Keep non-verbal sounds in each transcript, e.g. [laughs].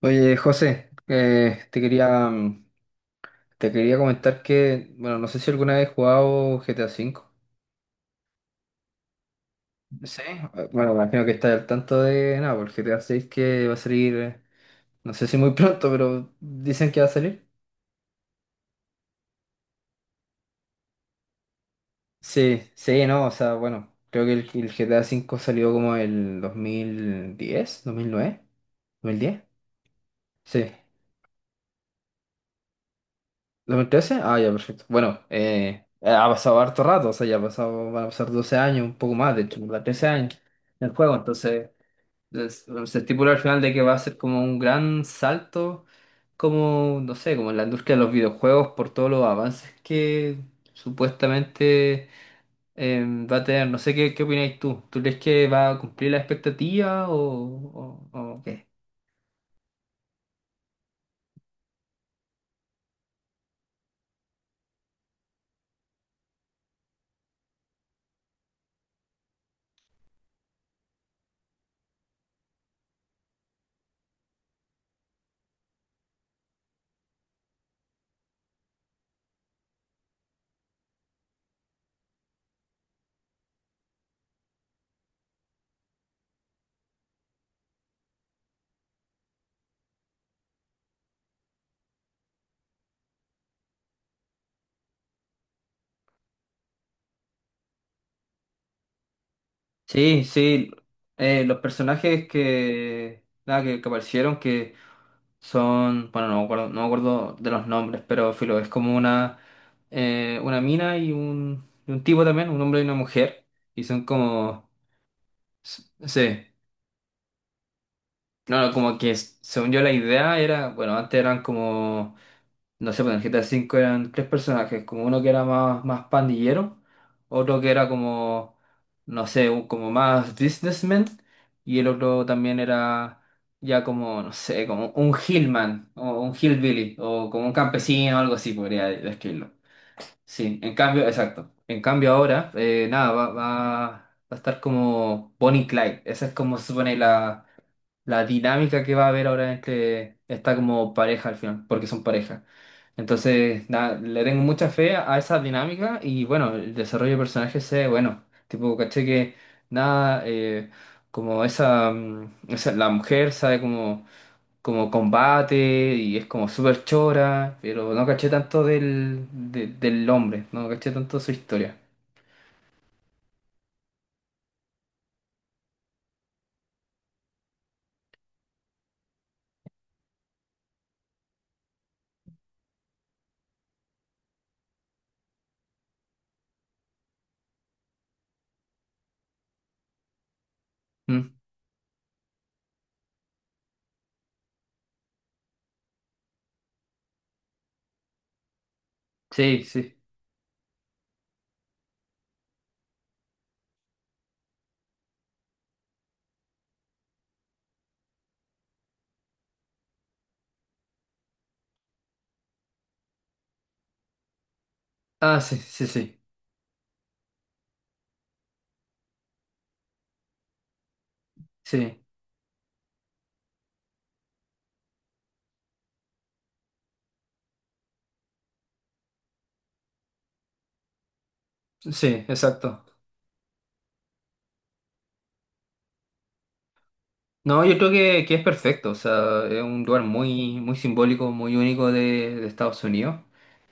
Oye, José, te quería comentar que, bueno, no sé si alguna vez has jugado GTA cinco. Sí. Bueno, me imagino que estás al tanto de nada, porque GTA seis que va a salir, no sé si muy [laughs] pronto, pero dicen que va a salir. Sí, sí, no, o sea, bueno, creo que el GTA cinco salió como el dos mil diez 2009 2010. Sí. ¿2013? Ah, ya, perfecto. Bueno, ha pasado harto rato, o sea, ya ha pasado, van a pasar 12 años, un poco más, de hecho, ¿verdad? 13 años en el juego. Entonces, se estipula al final de que va a ser como un gran salto, como, no sé, como en la industria de los videojuegos, por todos los avances que supuestamente eh, va a tener. No sé qué opináis tú. ¿Tú crees que va a cumplir la expectativa o qué? Sí, sí, los personajes que, nada, que aparecieron, que son, bueno, no me acuerdo de los nombres, pero filo, es como una mina y y un tipo también, un hombre y una mujer, y son como, sí, no, no, como que, según yo la idea era, bueno, antes eran como no sé, pues en el GTA V eran tres personajes, como uno que era más, más pandillero, otro que era como, no sé, como más businessman, y el otro también era ya como, no sé, como un hillman, o un hillbilly, o como un campesino, algo así podría describirlo. Sí, en cambio, exacto. En cambio ahora, nada, va a estar como Bonnie y Clyde, esa es como se supone la dinámica que va a haber ahora entre esta como pareja al final, porque son pareja. Entonces, nada, le tengo mucha fe a esa dinámica y bueno, el desarrollo de personajes es bueno. Tipo, caché que nada, como la mujer sabe como, como combate y es como súper chora, pero no caché tanto del hombre, no caché tanto su historia. Mm. Sí, sí. Ah, sí, sí, sí, sí, sí, exacto. No, yo creo que es perfecto, o sea, es un lugar muy, muy simbólico, muy único de Estados Unidos.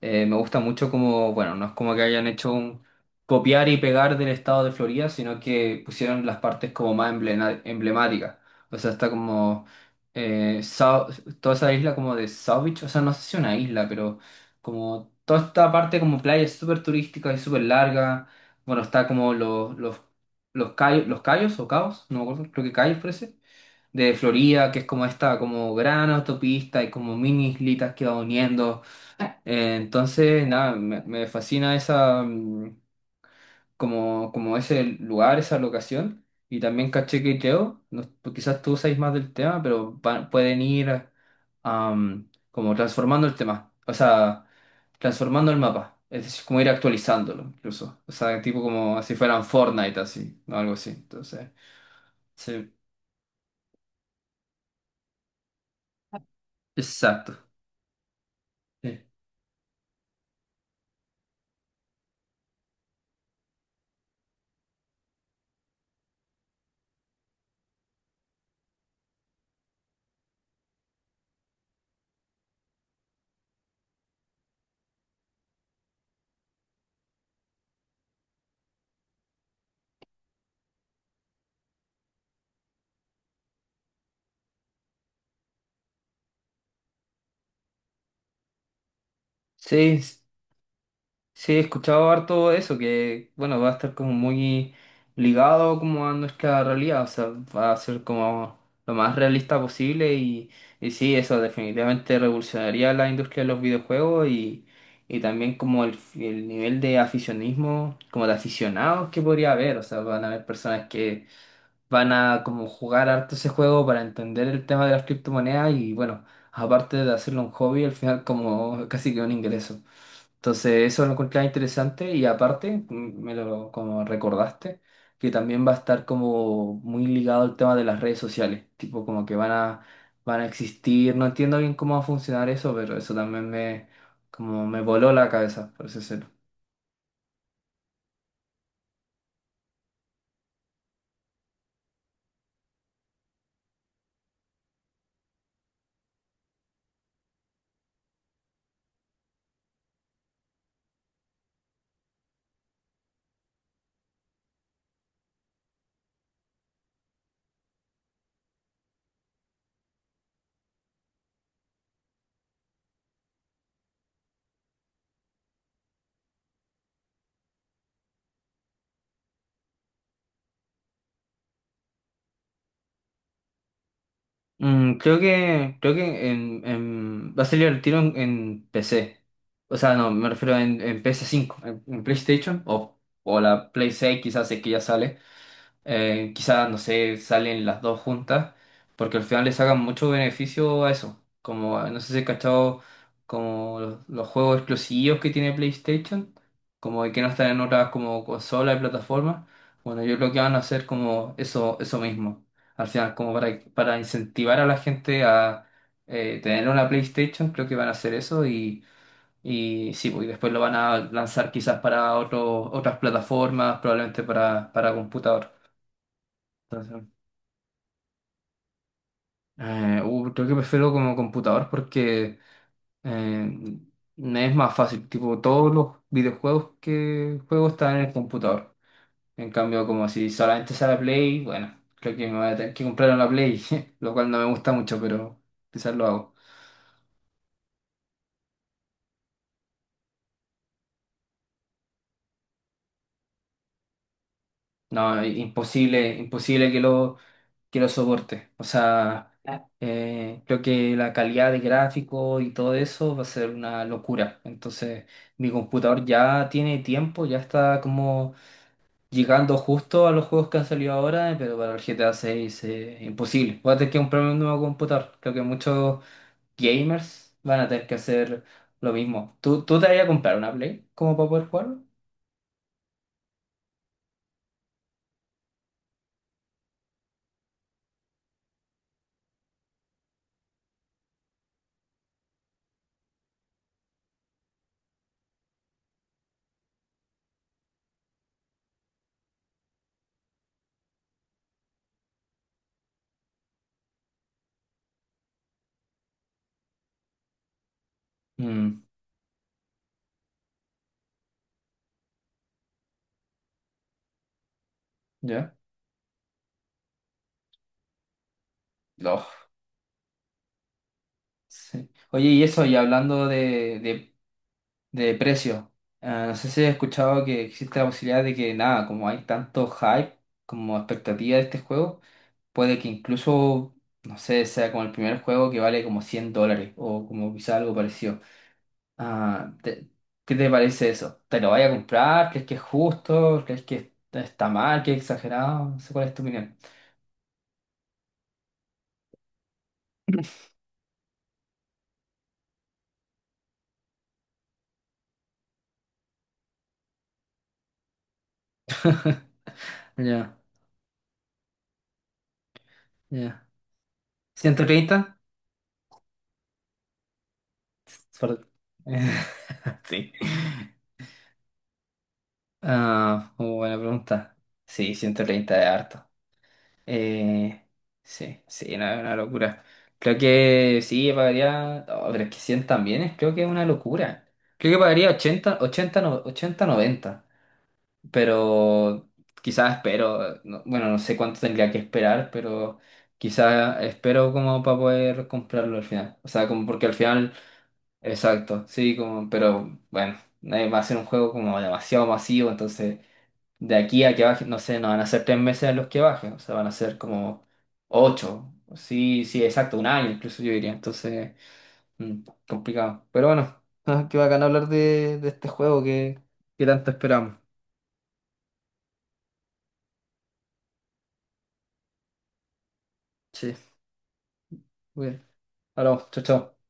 Me gusta mucho como, bueno, no es como que hayan hecho un copiar y pegar del estado de Florida, sino que pusieron las partes como más emblemáticas. O sea, está como eh, Sau- toda esa isla como de South Beach, o sea, no sé si una isla, pero como toda esta parte como playa es súper turística y súper larga. Bueno, está como los cayos o caos, no me acuerdo, creo que cayos parece de Florida, que es como esta como gran autopista y como mini islitas que va uniendo. Entonces, nada, me fascina como, como ese lugar, esa locación. Y también caché que creo, pues quizás tú sabes más del tema, pero pueden ir como transformando el tema, o sea, transformando el mapa, es decir, como ir actualizándolo incluso, o sea, tipo como si fueran Fortnite así, o algo así, entonces, sí, exacto. Sí, sí. Sí, he escuchado harto eso, que bueno, va a estar como muy ligado como a nuestra realidad, o sea, va a ser como lo más realista posible y sí, eso definitivamente revolucionaría la industria de los videojuegos y también como el nivel de aficionismo, como de aficionados que podría haber, o sea, van a haber personas que van a como jugar harto ese juego para entender el tema de las criptomonedas y bueno, aparte de hacerlo un hobby, al final como casi que un ingreso. Entonces, eso lo encontraba interesante y aparte, me lo como recordaste, que también va a estar como muy ligado al tema de las redes sociales, tipo como que van a existir, no entiendo bien cómo va a funcionar eso, pero eso también me, como me voló la cabeza, por ese cero. Creo que va a salir el tiro en PC, o sea, no, me refiero en PS5, en PlayStation o la Play 6 quizás es que ya sale. Quizás, no sé, salen las dos juntas, porque al final le sacan mucho beneficio a eso. Como, no sé si he cachado, como los juegos exclusivos que tiene PlayStation, como de que no están en otras como consolas y plataformas. Bueno, yo creo que van a hacer como eso mismo. Al final, como para incentivar a la gente a tener una PlayStation, creo que van a hacer eso y sí, pues, y después lo van a lanzar quizás para otras plataformas, probablemente para computador. Creo que prefiero como computador porque eh, me es más fácil. Tipo, todos los videojuegos que juego están en el computador. En cambio, como si solamente sale Play, bueno, creo que me voy a tener que comprar una Play, [laughs] lo cual no me gusta mucho, pero quizás lo hago. No, imposible, imposible que lo soporte. O sea, creo que la calidad de gráfico y todo eso va a ser una locura. Entonces, mi computador ya tiene tiempo, ya está como llegando justo a los juegos que han salido ahora, pero para el GTA 6 es imposible. Voy a tener que comprarme un nuevo computador. Creo que muchos gamers van a tener que hacer lo mismo. ¿Tú te vas a comprar una Play como para poder jugarlo? Mm, ya. No. Sí. Oye, y eso, y hablando de precio, no sé si has escuchado que existe la posibilidad de que, nada, como hay tanto hype como expectativa de este juego, puede que incluso, no sé, sea como el primer juego que vale como 100 dólares o como quizá algo parecido. Ah, ¿qué te parece eso? ¿Te lo vaya a comprar? ¿Crees que es justo? ¿Crees que está mal? ¿Que es exagerado? No sé cuál es tu opinión. [laughs] Ya, ya. ¿130? Por- [laughs] Sí. Ah, muy buena pregunta. Sí, 130 es harto. Eh, sí, sí, no, es una locura. Creo que sí, pagaría. Oh, pero es que 100 también es, creo que es una locura. Creo que pagaría 80 80 no- 80 noventa. Pero quizás espero, bueno, no sé cuánto tendría que esperar, pero quizás espero como para poder comprarlo al final. O sea, como porque al final, exacto, sí, como, pero bueno, va a ser un juego como demasiado masivo, entonces. De aquí a que baje, no sé, no van a ser 3 meses en los que baje, o sea, van a ser como ocho, sí, sí, exacto, un año incluso yo diría, entonces, mm, complicado. Pero bueno, ah, qué bacán hablar de este juego que tanto esperamos. Sí, muy bien. Hablamos, chao, chao.